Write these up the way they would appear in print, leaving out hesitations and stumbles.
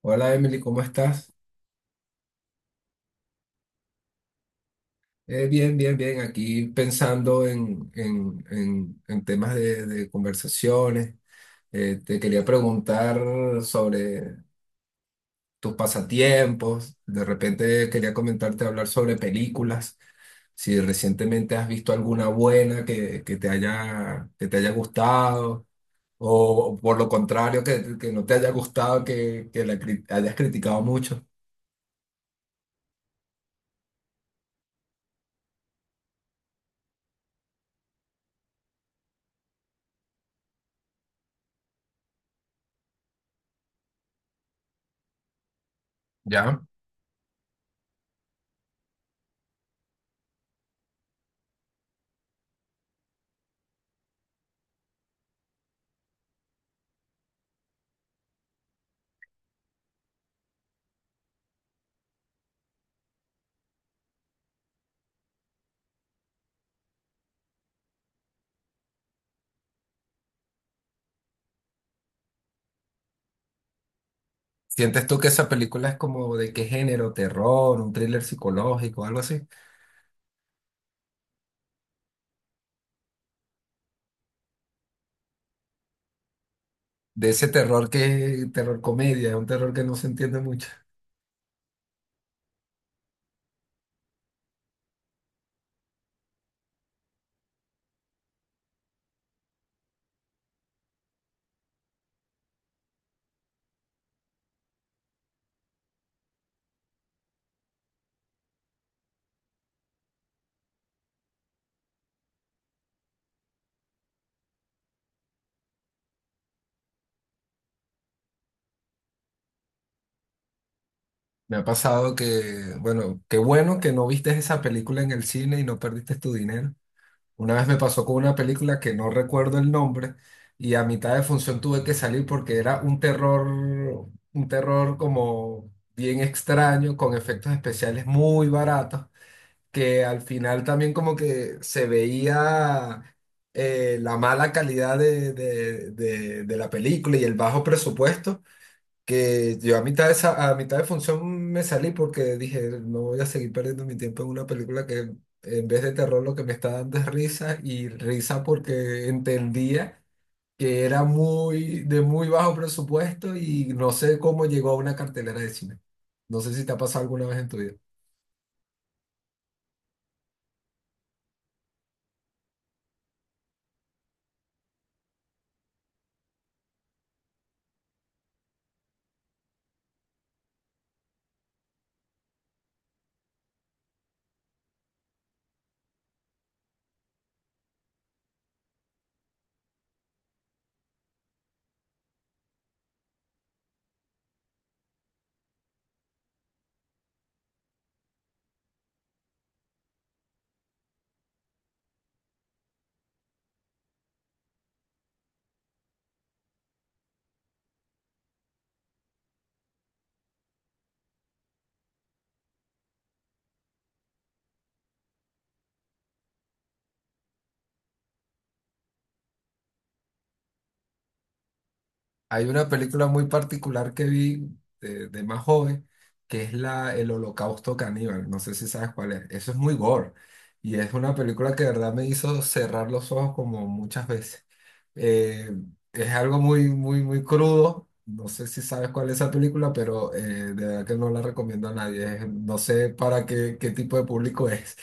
Hola Emily, ¿cómo estás? Bien, bien, bien. Aquí pensando en temas de conversaciones. Te quería preguntar sobre tus pasatiempos. De repente quería comentarte hablar sobre películas. Si recientemente has visto alguna buena que te haya gustado. O, por lo contrario, que no te haya gustado, que hayas criticado mucho. ¿Ya? ¿Sientes tú que esa película es como de qué género? ¿Terror? ¿Un thriller psicológico? ¿Algo así? De ese terror que, terror comedia, un terror que no se entiende mucho. Me ha pasado que, bueno, qué bueno que no viste esa película en el cine y no perdiste tu dinero. Una vez me pasó con una película que no recuerdo el nombre y a mitad de función tuve que salir porque era un terror como bien extraño, con efectos especiales muy baratos, que al final también como que se veía, la mala calidad de la película y el bajo presupuesto, que yo a mitad de, a mitad de función me salí porque dije, no voy a seguir perdiendo mi tiempo en una película que en vez de terror lo que me está dando es risa y risa porque entendía que era muy de muy bajo presupuesto y no sé cómo llegó a una cartelera de cine. No sé si te ha pasado alguna vez en tu vida. Hay una película muy particular que vi de más joven, que es la El Holocausto Caníbal. No sé si sabes cuál es. Eso es muy gore. Y es una película que de verdad me hizo cerrar los ojos como muchas veces. Eh, es algo muy, muy, muy crudo. No sé si sabes cuál es esa película, pero de verdad que no la recomiendo a nadie. No sé para qué tipo de público es.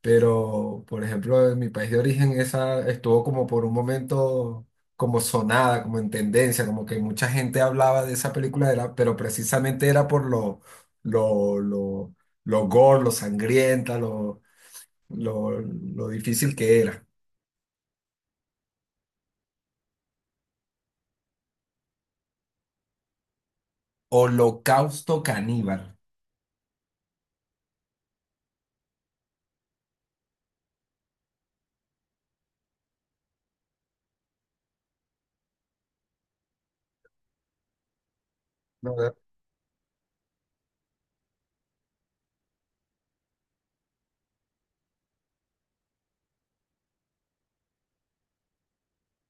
Pero, por ejemplo, en mi país de origen, esa estuvo como por un momento como sonada, como en tendencia, como que mucha gente hablaba de esa película, era, pero precisamente era por lo, lo, lo gore, lo sangrienta, lo difícil que era. Holocausto caníbal.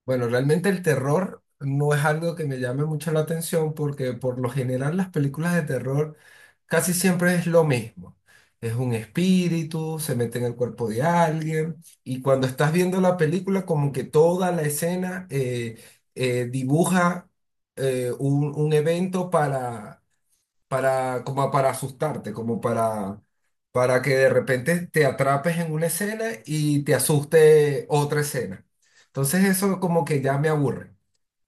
Bueno, realmente el terror no es algo que me llame mucho la atención porque por lo general las películas de terror casi siempre es lo mismo. Es un espíritu, se mete en el cuerpo de alguien y cuando estás viendo la película como que toda la escena, dibuja un evento para como para asustarte, como para que de repente te atrapes en una escena y te asuste otra escena. Entonces eso como que ya me aburre.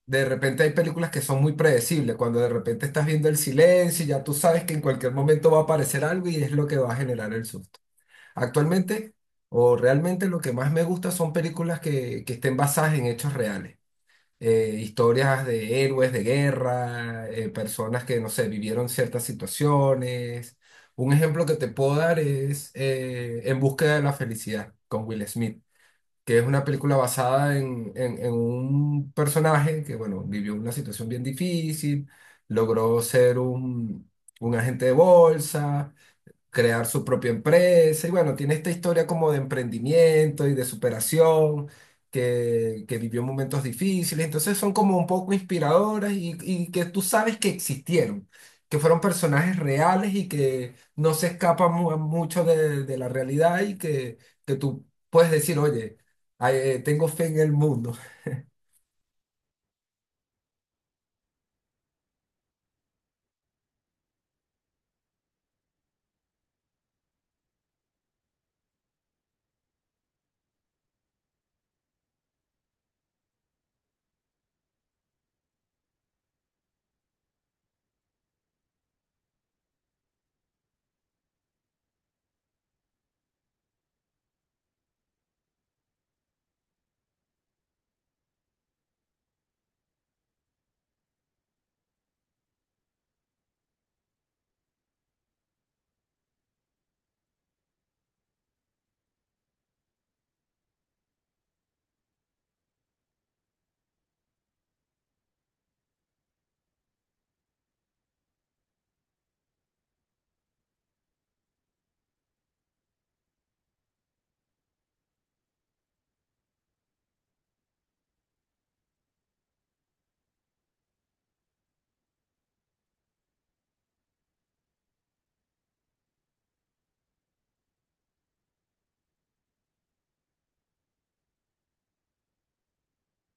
De repente hay películas que son muy predecibles, cuando de repente estás viendo el silencio y ya tú sabes que en cualquier momento va a aparecer algo y es lo que va a generar el susto. Actualmente o realmente lo que más me gusta son películas que estén basadas en hechos reales, historias de héroes de guerra, personas que, no sé, vivieron ciertas situaciones. Un ejemplo que te puedo dar es, En búsqueda de la felicidad, con Will Smith, que es una película basada en un personaje que, bueno, vivió una situación bien difícil, logró ser un agente de bolsa, crear su propia empresa y, bueno, tiene esta historia como de emprendimiento y de superación, que vivió momentos difíciles, entonces son como un poco inspiradoras y que tú sabes que existieron, que fueron personajes reales y que no se escapan mucho de la realidad y que tú puedes decir, oye, ay, tengo fe en el mundo.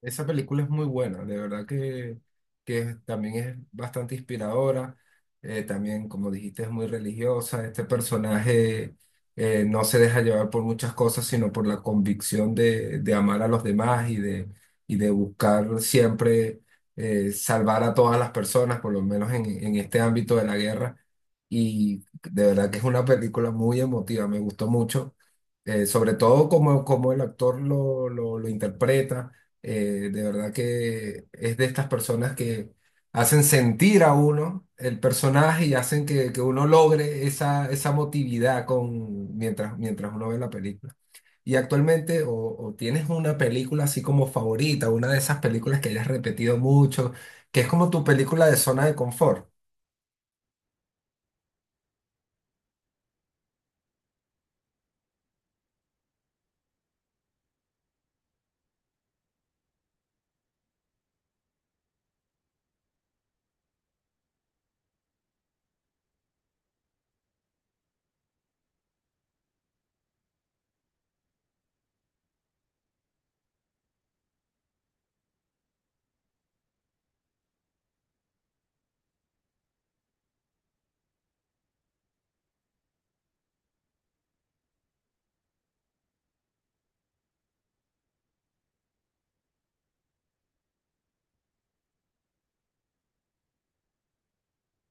Esa película es muy buena, de verdad que también es bastante inspiradora. También, como dijiste, es muy religiosa. Este personaje, no se deja llevar por muchas cosas, sino por la convicción de amar a los demás y de buscar siempre, salvar a todas las personas, por lo menos en este ámbito de la guerra. Y de verdad que es una película muy emotiva, me gustó mucho, sobre todo como el actor lo interpreta. De verdad que es de estas personas que hacen sentir a uno el personaje y hacen que uno logre esa, esa emotividad mientras uno ve la película. Y actualmente, o tienes una película así como favorita, una de esas películas que hayas repetido mucho, que es como tu película de zona de confort.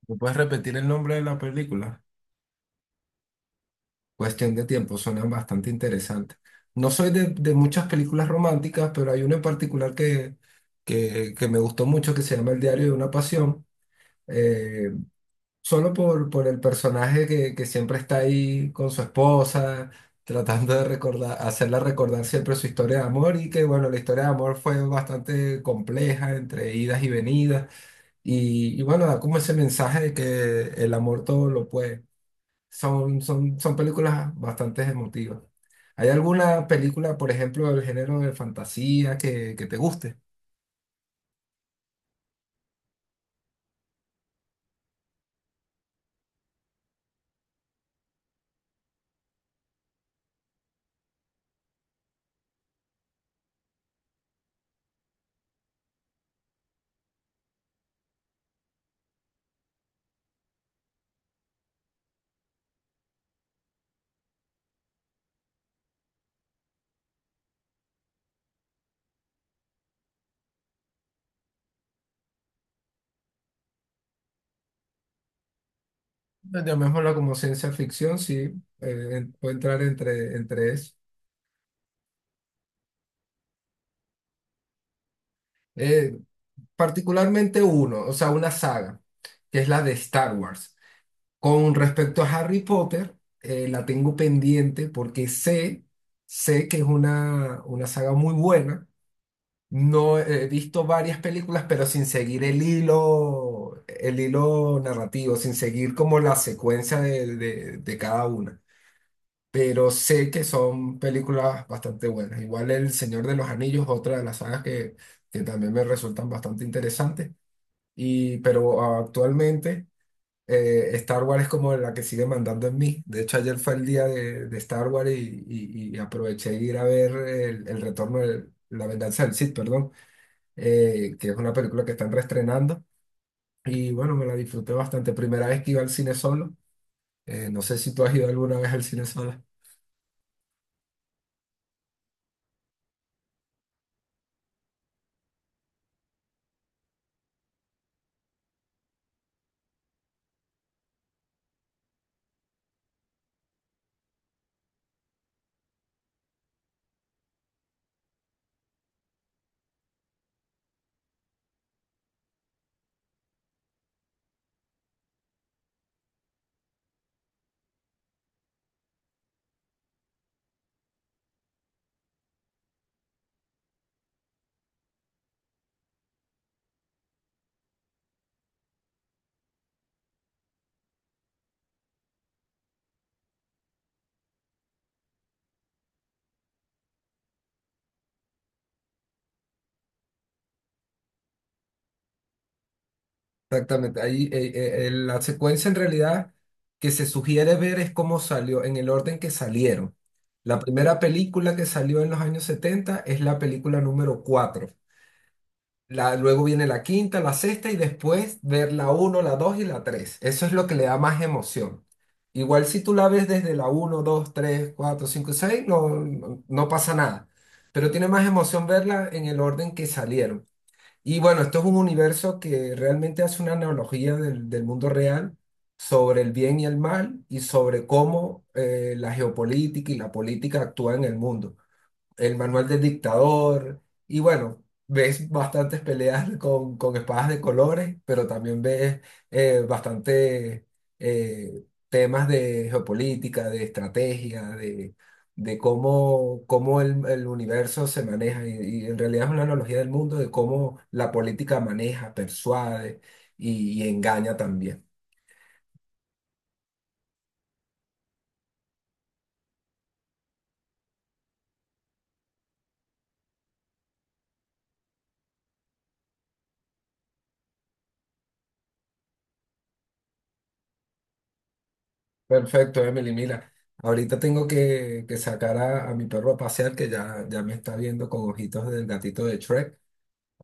¿Me puedes repetir el nombre de la película? Cuestión de tiempo. Suenan bastante interesantes. No soy de muchas películas románticas, pero hay una en particular que me gustó mucho, que se llama El diario de una pasión, eh, solo por el personaje que siempre está ahí con su esposa, tratando de recordar, hacerla recordar siempre su historia de amor y que, bueno, la historia de amor fue bastante compleja, entre idas y venidas, y bueno, da como ese mensaje de que el amor todo lo puede. Son películas bastante emotivas. ¿Hay alguna película, por ejemplo, del género de fantasía que te guste? Llamémosla como ciencia ficción, sí, puede entrar entre eso. Eh, particularmente uno, o sea, una saga, que es la de Star Wars. Con respecto a Harry Potter, la tengo pendiente porque sé que es una saga muy buena. No he visto varias películas, pero sin seguir el hilo narrativo, sin seguir como la secuencia de cada una. Pero sé que son películas bastante buenas. Igual El Señor de los Anillos, otra de las sagas que también me resultan bastante interesantes. Pero actualmente, Star Wars es como la que sigue mandando en mí. De hecho, ayer fue el día de Star Wars, y aproveché de ir a ver el retorno de la venganza del Sith, perdón, que es una película que están reestrenando. Y bueno, me la disfruté bastante. Primera vez que iba al cine solo. No sé si tú has ido alguna vez al cine solo. Exactamente. Ahí, la secuencia, en realidad, que se sugiere ver es cómo salió, en el orden que salieron. La primera película que salió en los años 70 es la película número cuatro. Luego viene la quinta, la sexta y después ver la uno, la 2 y la tres. Eso es lo que le da más emoción. Igual, si tú la ves desde la uno, dos, tres, cuatro, cinco, seis, no, no, no pasa nada. Pero tiene más emoción verla en el orden que salieron. Y bueno, esto es un universo que realmente hace una analogía del mundo real, sobre el bien y el mal, y sobre cómo, la geopolítica y la política actúa en el mundo, el manual del dictador, y, bueno, ves bastantes peleas con espadas de colores, pero también ves, bastante, temas de geopolítica, de estrategia, de cómo el universo se maneja, y en realidad es una analogía del mundo, de cómo la política maneja, persuade y engaña también. Perfecto, Emily. Mira, ahorita tengo que sacar a mi perro a pasear, que ya me está viendo con ojitos del gatito de Shrek.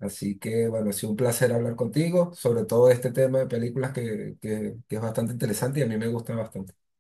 Así que, bueno, ha sido un placer hablar contigo, sobre todo de este tema de películas que es bastante interesante y a mí me gusta bastante.